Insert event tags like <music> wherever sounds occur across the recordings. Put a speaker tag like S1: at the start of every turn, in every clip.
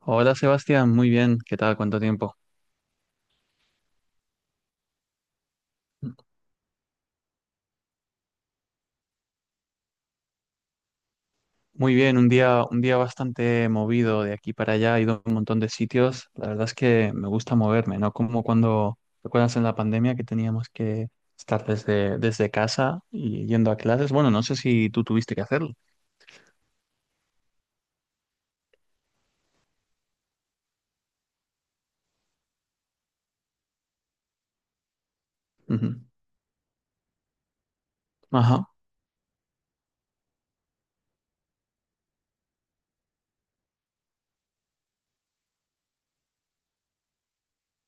S1: Hola Sebastián, muy bien, ¿qué tal? ¿Cuánto tiempo? Muy bien, un día bastante movido de aquí para allá, he ido a un montón de sitios. La verdad es que me gusta moverme, ¿no? Como cuando, ¿recuerdas en la pandemia que teníamos que estar desde casa y yendo a clases? Bueno, no sé si tú tuviste que hacerlo. Ujú. Ajá,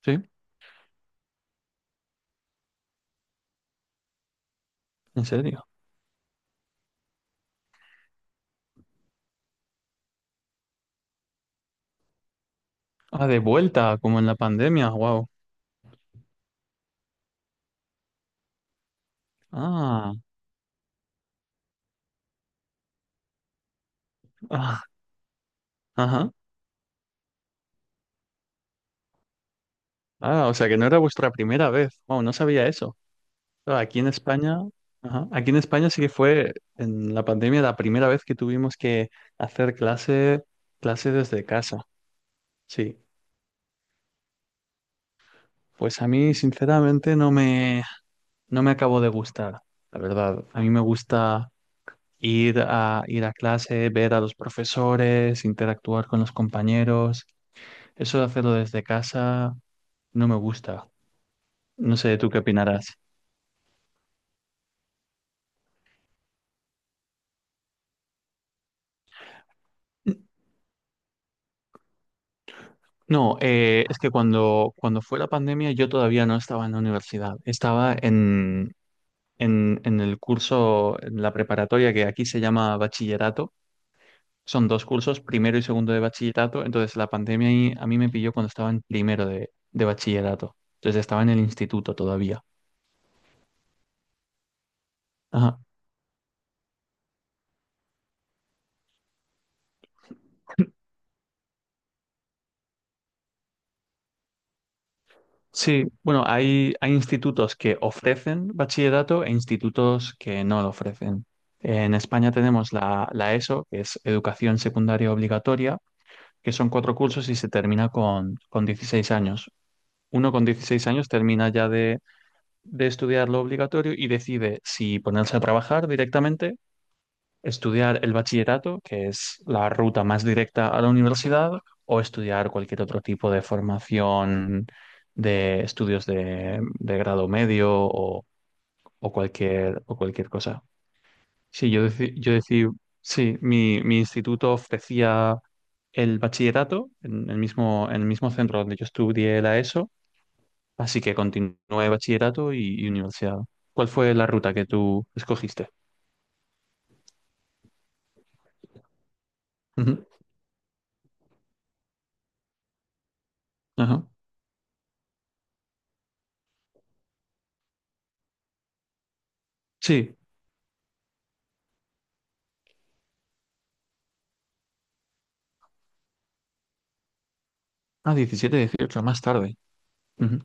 S1: sí, en serio. Ah, de vuelta, como en la pandemia, wow. Ah, ah, ajá. Ah, o sea que no era vuestra primera vez. Wow, no sabía eso. Claro, aquí en España, ajá, aquí en España sí que fue en la pandemia la primera vez que tuvimos que hacer clase, clase desde casa. Sí, pues a mí sinceramente no me, no me acabó de gustar, la verdad. A mí me gusta ir ir a clase, ver a los profesores, interactuar con los compañeros. Eso de hacerlo desde casa no me gusta. No sé, ¿tú qué opinarás? No, es que cuando fue la pandemia yo todavía no estaba en la universidad, estaba en el curso, en la preparatoria que aquí se llama bachillerato, son dos cursos, primero y segundo de bachillerato, entonces la pandemia ahí a mí me pilló cuando estaba en primero de bachillerato, entonces estaba en el instituto todavía. Ajá. Sí, bueno, hay institutos que ofrecen bachillerato e institutos que no lo ofrecen. En España tenemos la ESO, que es Educación Secundaria Obligatoria, que son cuatro cursos y se termina con 16 años. Uno con 16 años termina ya de estudiar lo obligatorio y decide si ponerse a trabajar directamente, estudiar el bachillerato, que es la ruta más directa a la universidad, o estudiar cualquier otro tipo de formación de estudios de grado medio o cualquier cosa. Sí, sí, mi instituto ofrecía el bachillerato en el mismo centro donde yo estudié la ESO, así que continué bachillerato y universidad. ¿Cuál fue la ruta que tú escogiste? Ujú, ajá. Sí, ah, 17, 18 más tarde. Ujú,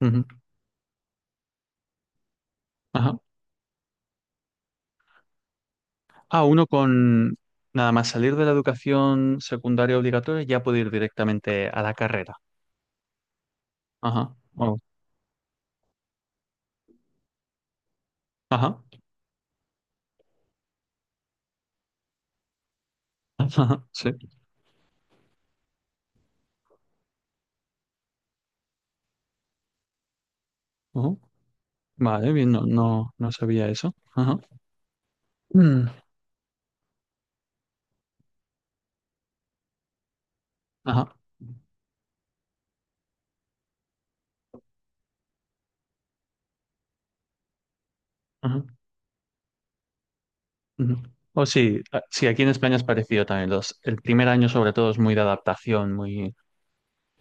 S1: ujú, ajá. Ah, uno con nada más salir de la educación secundaria obligatoria ya puede ir directamente a la carrera. Ajá. Oh, ajá. <laughs> Ajá. Sí. Ujú. Vale, bien, no sabía eso. Ajá. Mm, ajá. Ajá. Ujú. O sí, sí, aquí en España es parecido también. El primer año sobre todo es muy de adaptación, muy,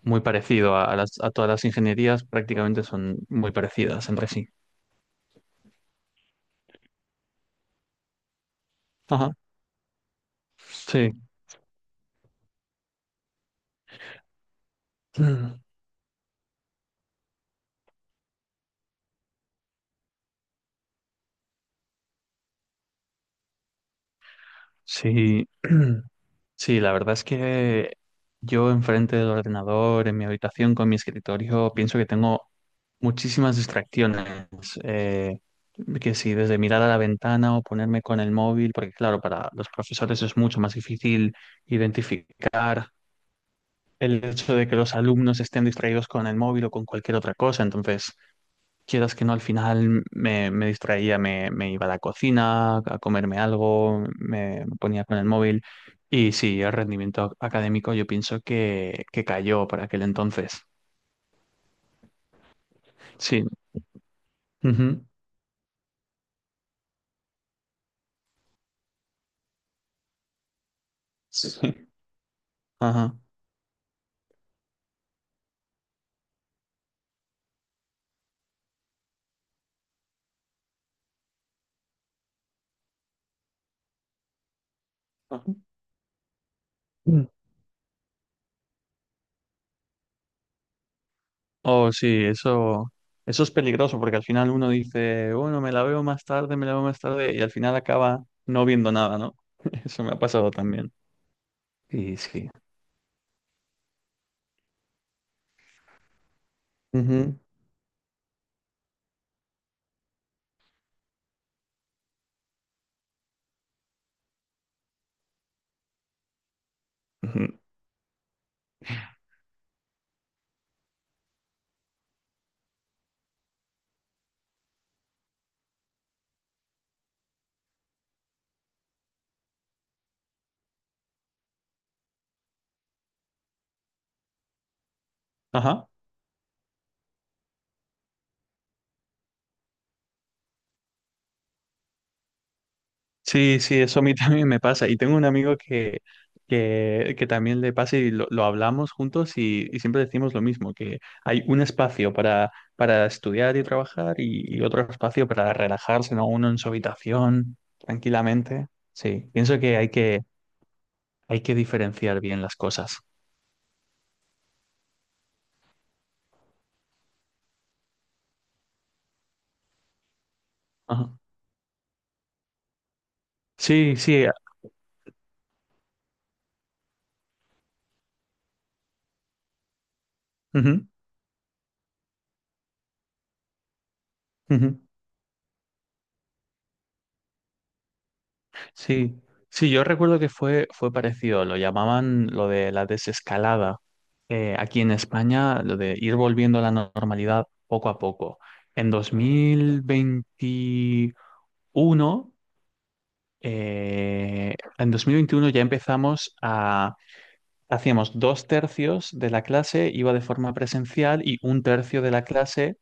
S1: muy parecido a a todas las ingenierías, prácticamente son muy parecidas entre sí. Ajá. Sí. Mm, sí. <clears throat> Sí, la verdad es que yo enfrente del ordenador, en mi habitación, con mi escritorio, pienso que tengo muchísimas distracciones. eh, que si desde mirar a la ventana o ponerme con el móvil, porque claro, para los profesores es mucho más difícil identificar el hecho de que los alumnos estén distraídos con el móvil o con cualquier otra cosa. Entonces, quieras que no, al final me distraía, me iba a la cocina a comerme algo, me ponía con el móvil y sí, el rendimiento académico yo pienso que cayó para aquel entonces. Sí. Ujú. Sí. Ajá. Ajá. Mm. Oh, sí, eso es peligroso porque al final uno dice, bueno, me la veo más tarde, me la veo más tarde y al final acaba no viendo nada, ¿no? <laughs> Eso me ha pasado también. Y sí. Ujú. Ujú. Ajá. Sí, sí, eso a mí <laughs> también me pasa. Y tengo un amigo que también le pasa y lo hablamos juntos y siempre decimos lo mismo, que hay un espacio para estudiar y trabajar y otro espacio para relajarse, ¿no? Uno en su habitación, tranquilamente. Sí, pienso que hay que diferenciar bien las cosas. Ajá. Sí, sí. Ujú, ujú. Sí, sí, yo recuerdo que fue, fue parecido, lo llamaban lo de la desescalada. Aquí en España, lo de ir volviendo a la normalidad poco a poco. En 2021, en 2021 ya empezamos a, hacíamos dos tercios de la clase, iba de forma presencial y un tercio de la clase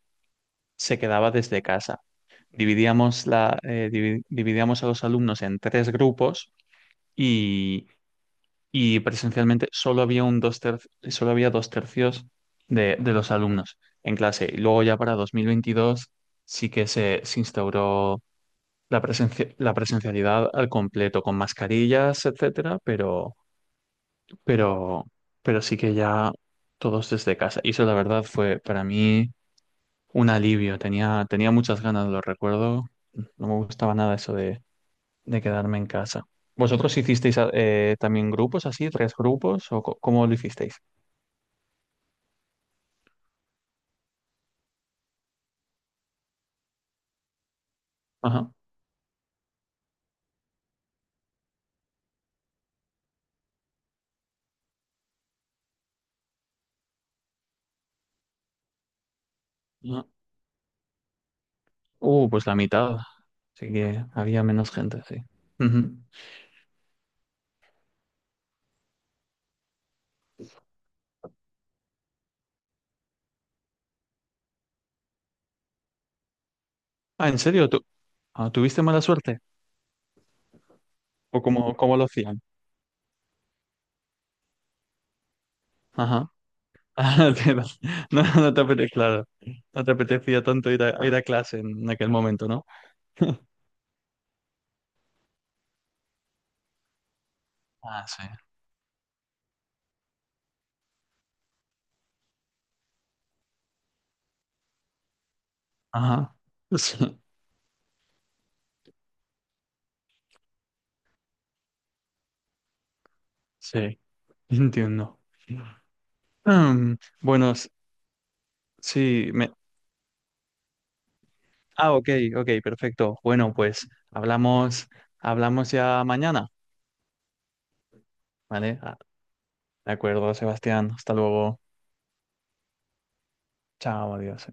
S1: se quedaba desde casa. Dividíamos dividíamos a los alumnos en tres grupos y y presencialmente solo había dos tercios de los alumnos en clase. Y luego ya para 2022 sí que se instauró la presencialidad al completo, con mascarillas, etcétera, pero, pero, pero sí que ya todos desde casa. Y eso la verdad fue para mí un alivio. Tenía muchas ganas, lo recuerdo. No me gustaba nada eso de quedarme en casa. ¿Vosotros hicisteis también grupos así, tres grupos, o cómo lo hicisteis? Ajá. Ajá. Pues la mitad. Así que había menos gente, sí. Ujú. Ah, ¿en serio? ¿Tú, ah, tuviste mala suerte? ¿O cómo, cómo lo hacían? Ajá. <laughs> Ah, no, no te apetecía, claro. No te apetecía tanto ir ir a clase en aquel momento, ¿no? Ah, sí. Ajá. Sí, sí, entiendo. Mm, bueno, sí, me... Ah, ok, ok, perfecto. Bueno, pues hablamos, hablamos ya mañana, ¿vale? Ah, de acuerdo, Sebastián. Hasta luego. Chao, adiós.